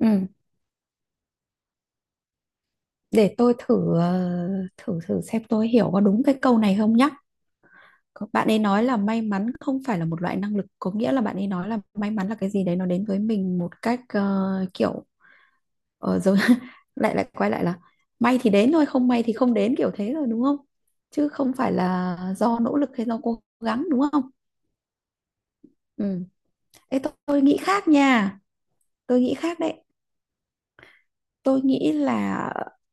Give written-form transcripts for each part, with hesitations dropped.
Ừ, để tôi thử ờ, thử thử xem tôi hiểu có đúng cái câu này không nhá. Bạn ấy nói là may mắn không phải là một loại năng lực, có nghĩa là bạn ấy nói là may mắn là cái gì đấy nó đến với mình một cách kiểu giống lại lại quay lại là may thì đến thôi, không may thì không đến kiểu thế rồi đúng không? Chứ không phải là do nỗ lực hay do cố gắng đúng không? Ừ. Ê, tôi nghĩ khác nha, tôi nghĩ khác đấy. Tôi nghĩ là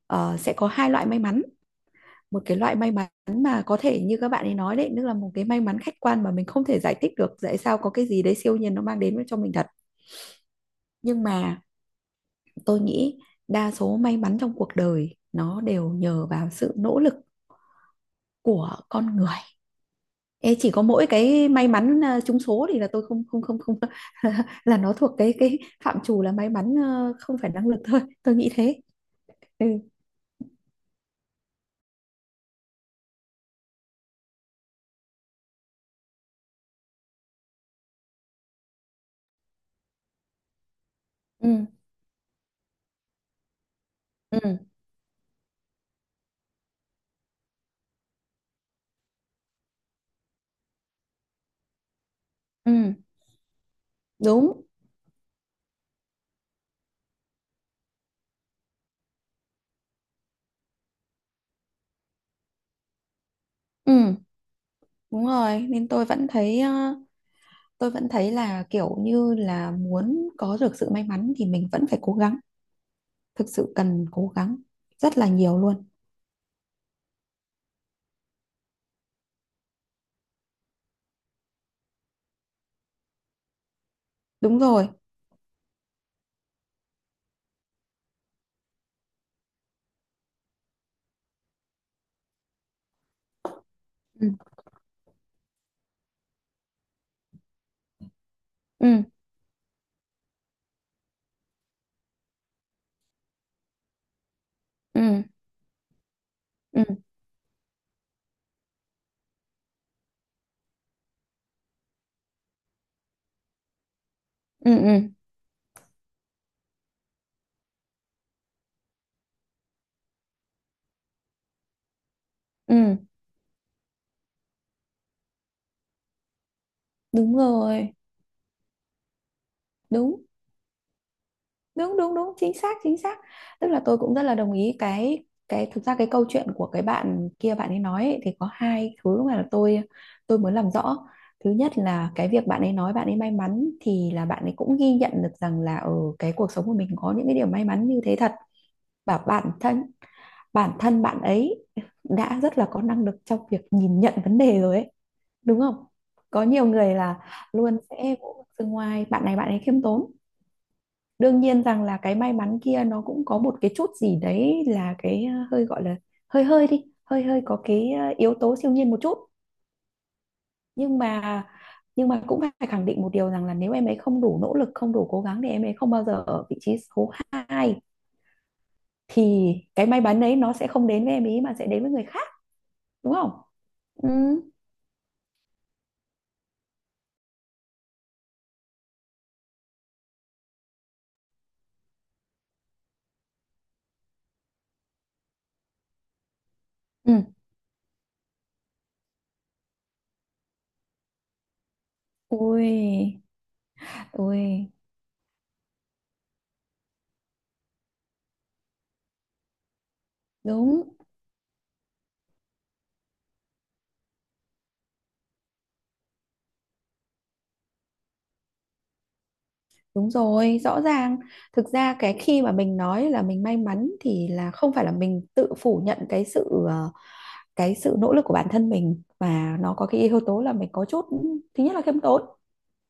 sẽ có hai loại may mắn, một cái loại may mắn mà có thể như các bạn ấy nói đấy, tức là một cái may mắn khách quan mà mình không thể giải thích được tại sao có cái gì đấy siêu nhiên nó mang đến cho mình thật. Nhưng mà tôi nghĩ đa số may mắn trong cuộc đời nó đều nhờ vào sự nỗ lực của con người. Ê, chỉ có mỗi cái may mắn trúng số thì là tôi không không không không là nó thuộc cái phạm trù là may mắn không phải năng lực thôi. Tôi nghĩ thế. Ừ. Ừ. Ừ. Ừ. Đúng. Ừ. Đúng rồi, nên tôi vẫn thấy là kiểu như là muốn có được sự may mắn thì mình vẫn phải cố gắng, thực sự cần cố gắng rất là nhiều luôn. Đúng rồi. Ừ, ừ, ừ, ừ, ừ, ừ, ừ. Đúng rồi, đúng, đúng, đúng, đúng, chính xác, chính xác. Tức là tôi cũng rất là đồng ý cái thực ra cái câu chuyện của cái bạn kia bạn ấy nói ấy, thì có hai thứ mà là tôi muốn làm rõ. Thứ nhất là cái việc bạn ấy nói bạn ấy may mắn thì là bạn ấy cũng ghi nhận được rằng là ở cái cuộc sống của mình có những cái điều may mắn như thế thật, và bản thân bạn ấy đã rất là có năng lực trong việc nhìn nhận vấn đề rồi ấy, đúng không? Có nhiều người là luôn sẽ vỗ từ ngoài bạn này, bạn ấy khiêm tốn, đương nhiên rằng là cái may mắn kia nó cũng có một cái chút gì đấy là cái hơi gọi là hơi hơi đi hơi hơi có cái yếu tố siêu nhiên một chút. nhưng mà nhưng mà cũng phải khẳng định một điều rằng là nếu em ấy không đủ nỗ lực không đủ cố gắng thì em ấy không bao giờ ở vị trí số hai, thì cái may mắn đấy nó sẽ không đến với em ý mà sẽ đến với người khác, đúng không? Ừ, ừ. Ui, ui. Đúng, đúng rồi, rõ ràng. Thực ra cái khi mà mình nói là mình may mắn thì là không phải là mình tự phủ nhận cái sự nỗ lực của bản thân mình, và nó có cái yếu tố là mình có chút, thứ nhất là khiêm tốn,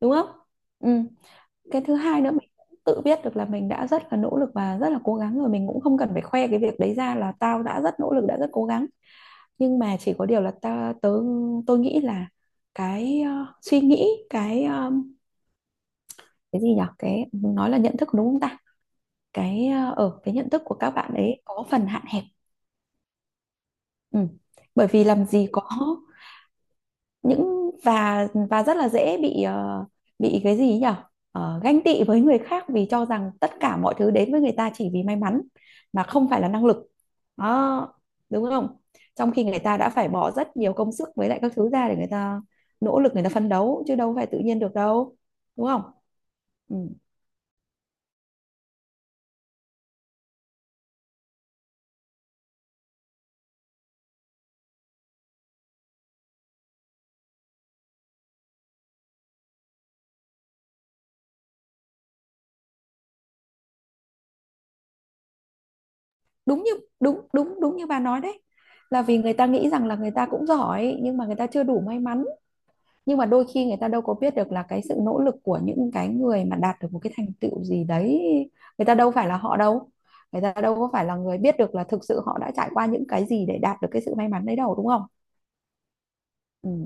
đúng không? Ừ. Cái thứ hai nữa, mình cũng tự biết được là mình đã rất là nỗ lực và rất là cố gắng rồi, mình cũng không cần phải khoe cái việc đấy ra là tao đã rất nỗ lực đã rất cố gắng. Nhưng mà chỉ có điều là ta tớ tôi nghĩ là cái suy nghĩ cái cái gì nhở, cái nói là nhận thức, đúng không ta? Cái ở cái nhận thức của các bạn ấy có phần hạn hẹp. Ừ. Bởi vì làm gì có những, và rất là dễ bị cái gì nhỉ, ganh tị với người khác vì cho rằng tất cả mọi thứ đến với người ta chỉ vì may mắn mà không phải là năng lực, đó, đúng không? Trong khi người ta đã phải bỏ rất nhiều công sức với lại các thứ ra để người ta nỗ lực, người ta phấn đấu, chứ đâu phải tự nhiên được đâu, đúng không? Ừ. đúng như Đúng, đúng, đúng như bà nói đấy, là vì người ta nghĩ rằng là người ta cũng giỏi nhưng mà người ta chưa đủ may mắn, nhưng mà đôi khi người ta đâu có biết được là cái sự nỗ lực của những cái người mà đạt được một cái thành tựu gì đấy, người ta đâu phải là họ đâu, người ta đâu có phải là người biết được là thực sự họ đã trải qua những cái gì để đạt được cái sự may mắn đấy đâu, đúng không? Ừ,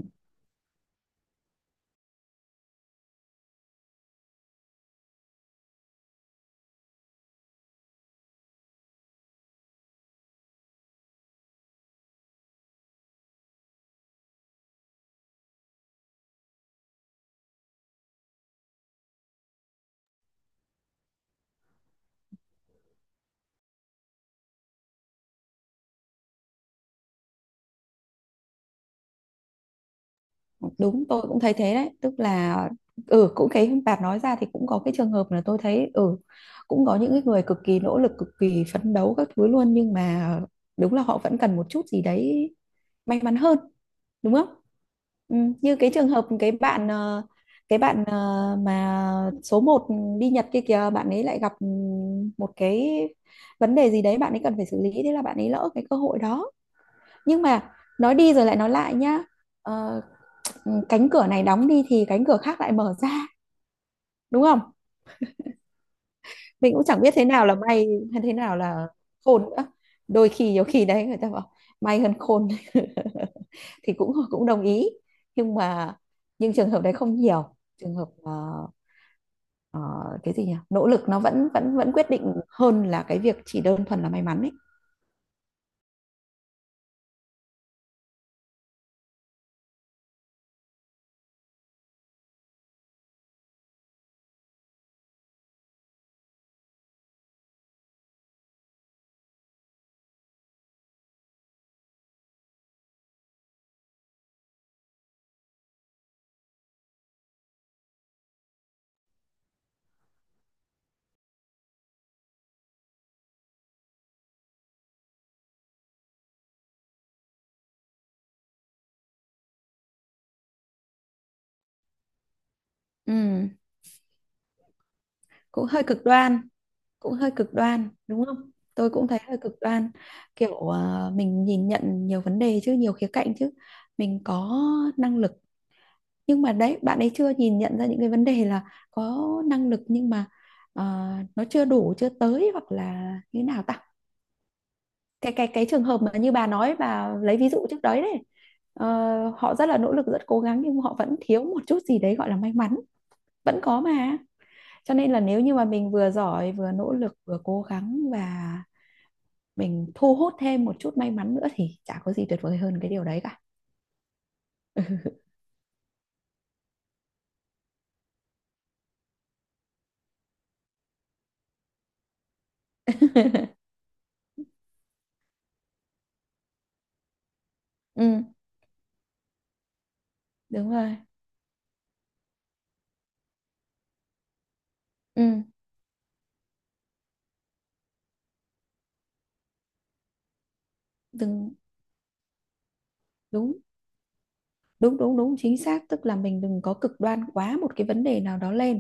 đúng, tôi cũng thấy thế đấy, tức là ừ, cũng cái bạn nói ra thì cũng có cái trường hợp là tôi thấy ừ, cũng có những cái người cực kỳ nỗ lực cực kỳ phấn đấu các thứ luôn, nhưng mà đúng là họ vẫn cần một chút gì đấy may mắn hơn, đúng không? Ừ, như cái trường hợp cái bạn ờ, mà số một đi Nhật kia kìa, bạn ấy lại gặp một cái vấn đề gì đấy bạn ấy cần phải xử lý, thế là bạn ấy lỡ cái cơ hội đó. Nhưng mà nói đi rồi lại nói lại nhá. Ờ, Cánh cửa này đóng đi thì cánh cửa khác lại mở ra, đúng không? Mình cũng chẳng biết thế nào là may hay thế nào là khôn nữa, đôi khi nhiều khi đấy người ta bảo may hơn khôn thì cũng cũng đồng ý, nhưng mà trường hợp đấy không nhiều, trường hợp ờ, cái gì nhỉ, nỗ lực nó vẫn vẫn vẫn quyết định hơn là cái việc chỉ đơn thuần là may mắn ấy. Ừ, cũng hơi cực đoan cũng hơi cực đoan, đúng không, tôi cũng thấy hơi cực đoan. Kiểu mình nhìn nhận nhiều vấn đề chứ, nhiều khía cạnh chứ, mình có năng lực, nhưng mà đấy, bạn ấy chưa nhìn nhận ra những cái vấn đề là có năng lực nhưng mà ờ, nó chưa đủ, chưa tới, hoặc là như thế nào ta. Cái trường hợp mà như bà nói, bà lấy ví dụ trước đấy đấy, ờ, họ rất là nỗ lực, rất cố gắng, nhưng họ vẫn thiếu một chút gì đấy gọi là may mắn, vẫn có mà. Cho nên là nếu như mà mình vừa giỏi vừa nỗ lực vừa cố gắng và mình thu hút thêm một chút may mắn nữa thì chả có gì tuyệt vời hơn cái điều đấy cả. Ừ, đúng rồi, ừ, đừng đúng, đúng, đúng, đúng, chính xác, tức là mình đừng có cực đoan quá một cái vấn đề nào đó lên.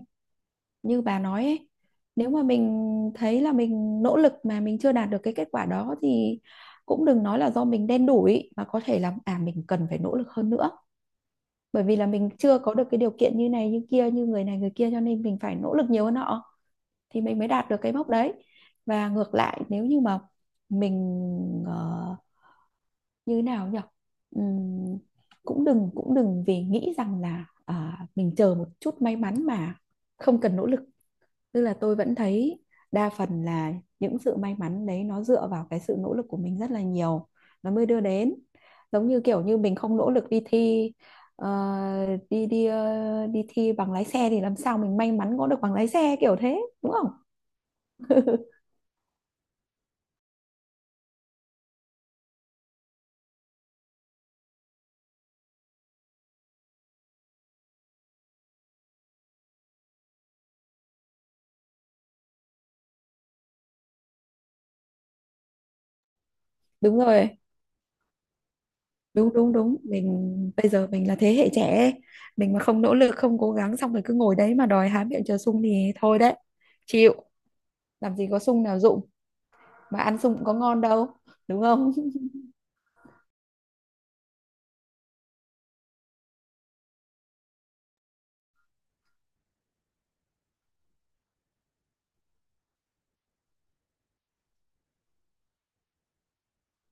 Như bà nói ấy, nếu mà mình thấy là mình nỗ lực mà mình chưa đạt được cái kết quả đó thì cũng đừng nói là do mình đen đủi, mà có thể là à, mình cần phải nỗ lực hơn nữa, bởi vì là mình chưa có được cái điều kiện như này như kia, như người này người kia, cho nên mình phải nỗ lực nhiều hơn họ thì mình mới đạt được cái mốc đấy. Và ngược lại, nếu như mà mình ờ, như thế nào nhỉ, ừm, cũng đừng vì nghĩ rằng là à, mình chờ một chút may mắn mà không cần nỗ lực, tức là tôi vẫn thấy đa phần là những sự may mắn đấy nó dựa vào cái sự nỗ lực của mình rất là nhiều, nó mới đưa đến, giống như kiểu như mình không nỗ lực đi thi ờ, đi đi ờ, đi thi bằng lái xe thì làm sao mình may mắn có được bằng lái xe kiểu thế, đúng không? Đúng rồi, đúng, đúng, đúng, mình bây giờ mình là thế hệ trẻ ấy. Mình mà không nỗ lực không cố gắng xong rồi cứ ngồi đấy mà đòi há miệng chờ sung thì thôi đấy, chịu, làm gì có sung nào dụng, mà ăn sung cũng có ngon đâu, đúng không?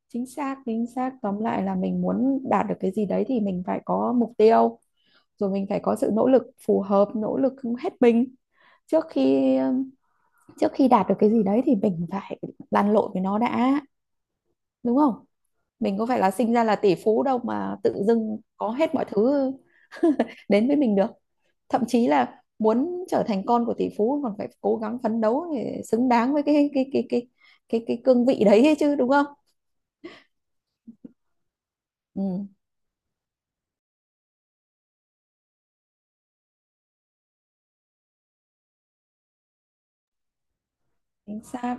Chính xác, chính xác, tóm lại là mình muốn đạt được cái gì đấy thì mình phải có mục tiêu, rồi mình phải có sự nỗ lực phù hợp, nỗ lực hết mình, trước khi trước khi đạt được cái gì đấy thì mình phải lăn lộn với nó đã, đúng không? Mình có phải là sinh ra là tỷ phú đâu mà tự dưng có hết mọi thứ đến với mình được, thậm chí là muốn trở thành con của tỷ phú còn phải cố gắng phấn đấu để xứng đáng với cái cương vị đấy ấy chứ, đúng không? Ừ. Chính xác.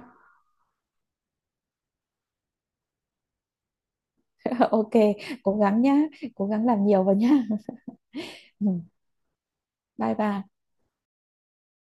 OK, cố gắng nhá, cố gắng làm nhiều vào nhá. Ừ, bye bye.